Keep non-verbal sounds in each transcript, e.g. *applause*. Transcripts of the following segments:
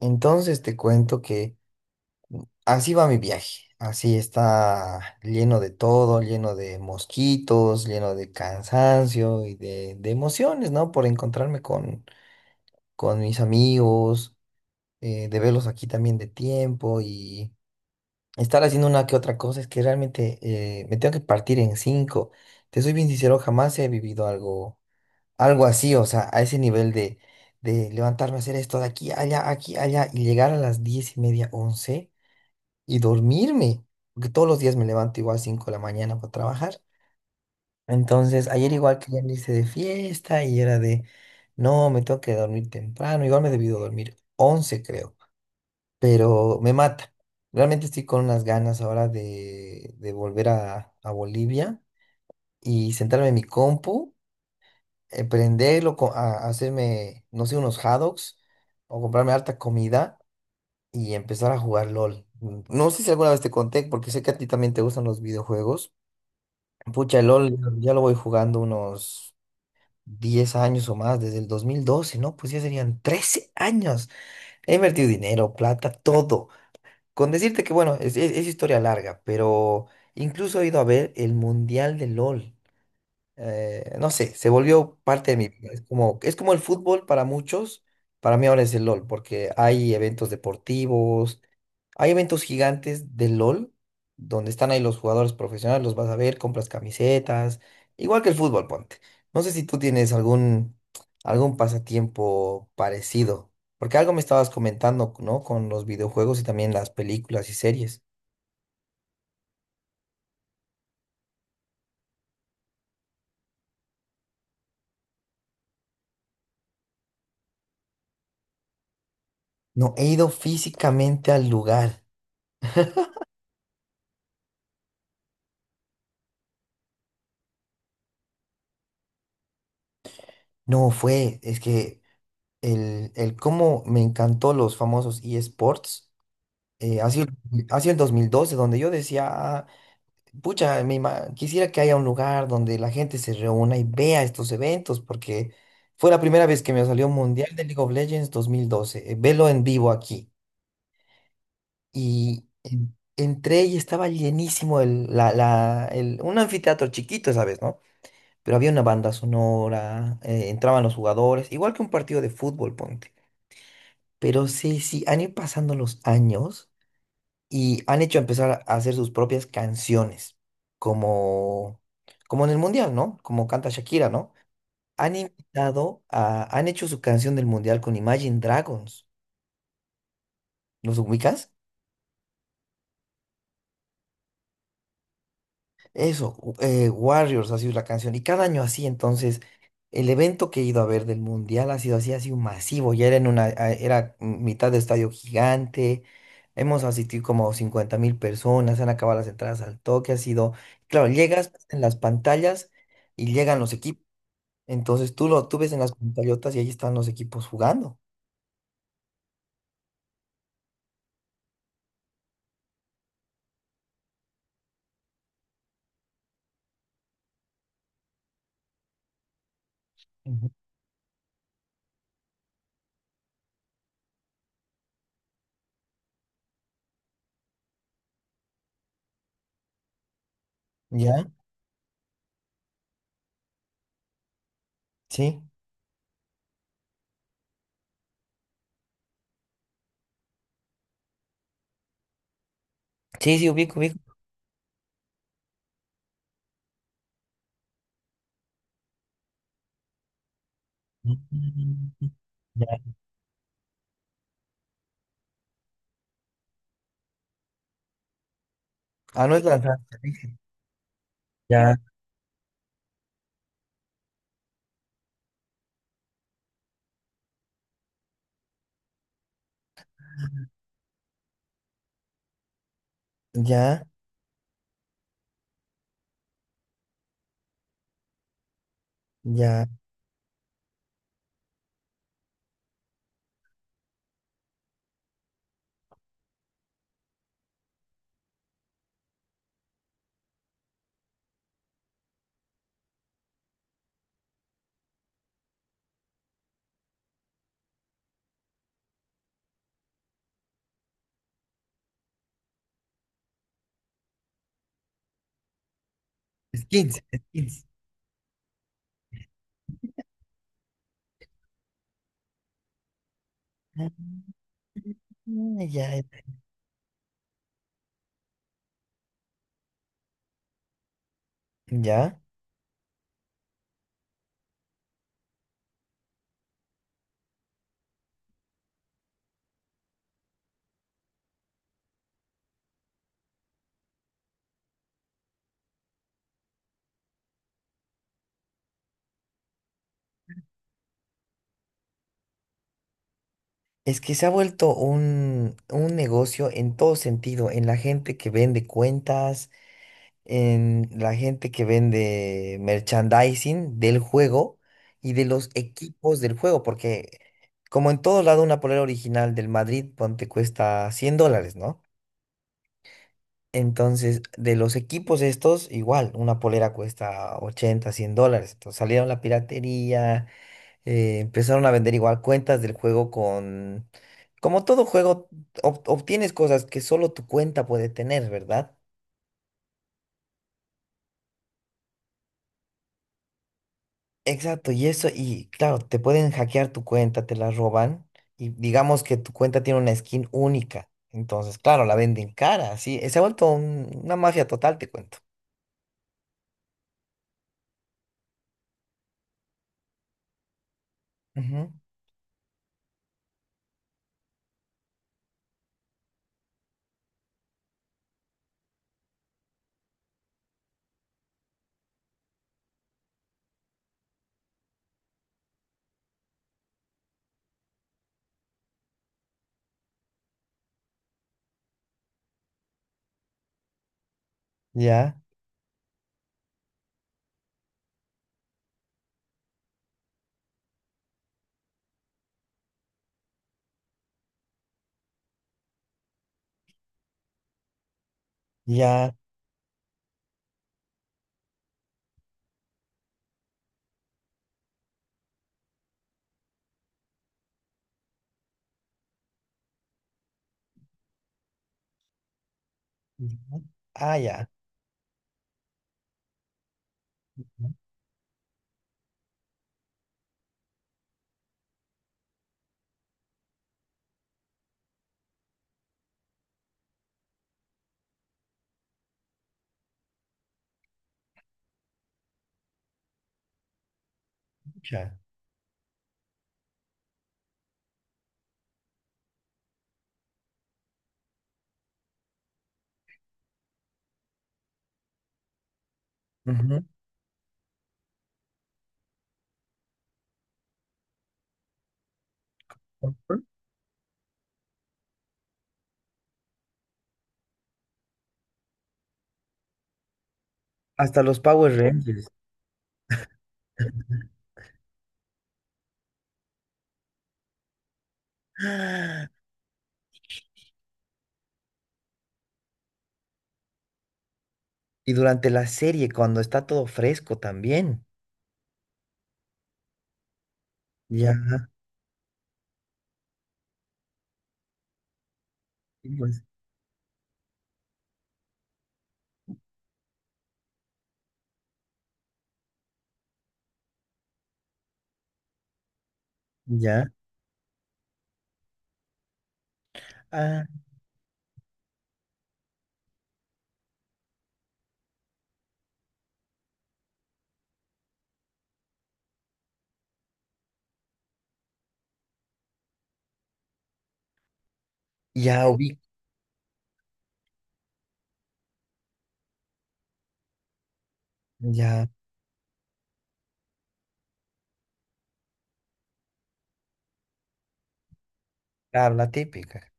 Entonces te cuento que así va mi viaje. Así está lleno de todo, lleno de mosquitos, lleno de cansancio y de emociones, ¿no? Por encontrarme con mis amigos, de verlos aquí también de tiempo y estar haciendo una que otra cosa. Es que realmente me tengo que partir en cinco. Te soy bien sincero, jamás he vivido algo así, o sea, a ese nivel de levantarme a hacer esto de aquí, allá y llegar a las 10:30, 11, y dormirme, porque todos los días me levanto igual 5 de la mañana para trabajar. Entonces, ayer igual querían irse de fiesta y era de, no, me tengo que dormir temprano, igual me he debido dormir 11 creo, pero me mata. Realmente estoy con unas ganas ahora de volver a Bolivia y sentarme en mi compu, prenderlo, a hacerme, no sé, unos hot dogs o comprarme harta comida y empezar a jugar LOL. No sé si alguna vez te conté, porque sé que a ti también te gustan los videojuegos. Pucha, el LOL ya lo voy jugando unos 10 años o más, desde el 2012, ¿no? Pues ya serían 13 años. He invertido dinero, plata, todo. Con decirte que, bueno, es historia larga, pero incluso he ido a ver el Mundial de LOL, no sé, se volvió parte de mi vida. Es como el fútbol para muchos, para mí ahora es el LOL, porque hay eventos deportivos, hay eventos gigantes del LOL, donde están ahí los jugadores profesionales, los vas a ver, compras camisetas, igual que el fútbol, ponte. No sé si tú tienes algún pasatiempo parecido, porque algo me estabas comentando, ¿no? Con los videojuegos y también las películas y series. No, he ido físicamente al lugar. No fue, es que el cómo me encantó los famosos eSports. eh, ha sido, ha sido el 2012, donde yo decía, "Ah, pucha, quisiera que haya un lugar donde la gente se reúna y vea estos eventos, porque fue la primera vez que me salió Mundial de League of Legends 2012, velo en vivo aquí. Entré y estaba llenísimo el, la- el- un anfiteatro chiquito, ¿sabes? ¿No? Pero había una banda sonora, entraban los jugadores, igual que un partido de fútbol, ponte. Pero sí, sí, han ido pasando los años y han hecho empezar a hacer sus propias canciones, como, como en el Mundial, ¿no? Como canta Shakira, ¿no? Han hecho su canción del Mundial con Imagine Dragons. ¿Los ubicas? Eso, Warriors ha sido la canción. Y cada año así. Entonces, el evento que he ido a ver del Mundial ha sido así, ha sido masivo. Ya era en una, a- era mitad de estadio gigante. Hemos asistido como 50.000 personas, se han acabado las entradas al toque, ha sido. Claro, llegas en las pantallas y llegan los equipos. Entonces tú ves en las pantallotas y ahí están los equipos jugando. Ujú. ¿Ya? Sí. Sí, sí, ubico, ubico. Mm. Ya. Ah, no es lanzar. Ya, ya, ya. Skins, skins. Ah, ya, ya. Es que se ha vuelto un negocio en todo sentido, en la gente que vende cuentas, en la gente que vende merchandising del juego y de los equipos del juego, porque como en todo lado una polera original del Madrid, ponte, cuesta 100 dólares, ¿no? Entonces, de los equipos estos, igual, una polera cuesta 80, 100 dólares. Entonces salieron la piratería, empezaron a vender igual cuentas del juego con... Como todo juego, obtienes cosas que solo tu cuenta puede tener, ¿verdad? Exacto, y eso, y claro, te pueden hackear tu cuenta, te la roban, y digamos que tu cuenta tiene una skin única. Entonces, claro, la venden cara, sí. Se ha vuelto una mafia total, te cuento. Ujú. Ya, ya. Ujú. Ah, ya. Ujú. Ujú. Hasta los Power Rangers. *gasps* Y durante la serie, cuando está todo fresco también. Ya, sí, pues, ya. Ah, ya ubico, ya. Claro, la típica.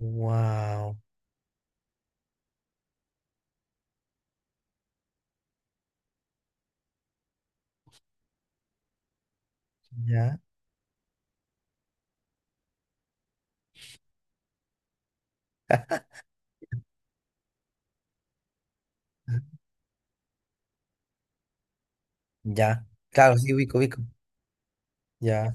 Wow, ya, ya. Claro, sí, ubico, ubico. Ya,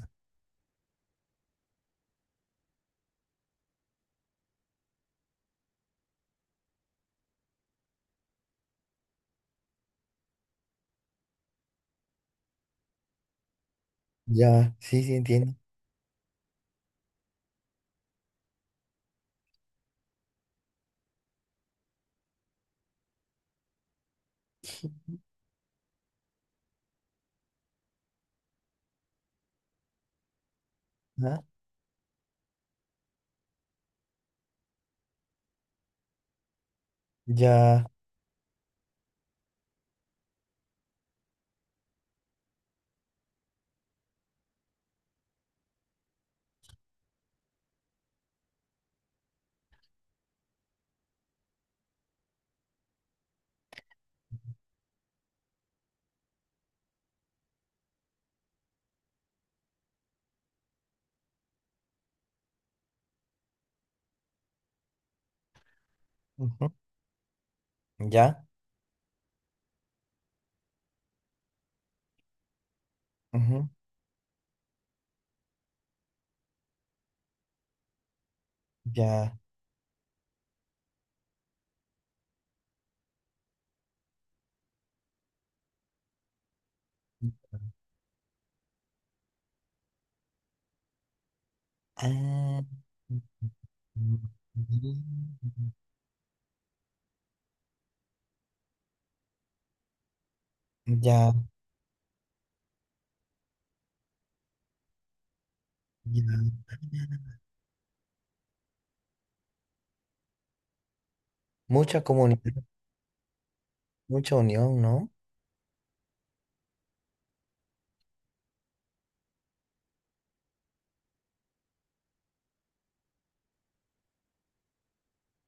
ya, sí, sí, entiendo. Ajá. Ya, ujú, ya, ujú, ya. Ah, ya, ya. Mucha comunidad, mucha unión, ¿no?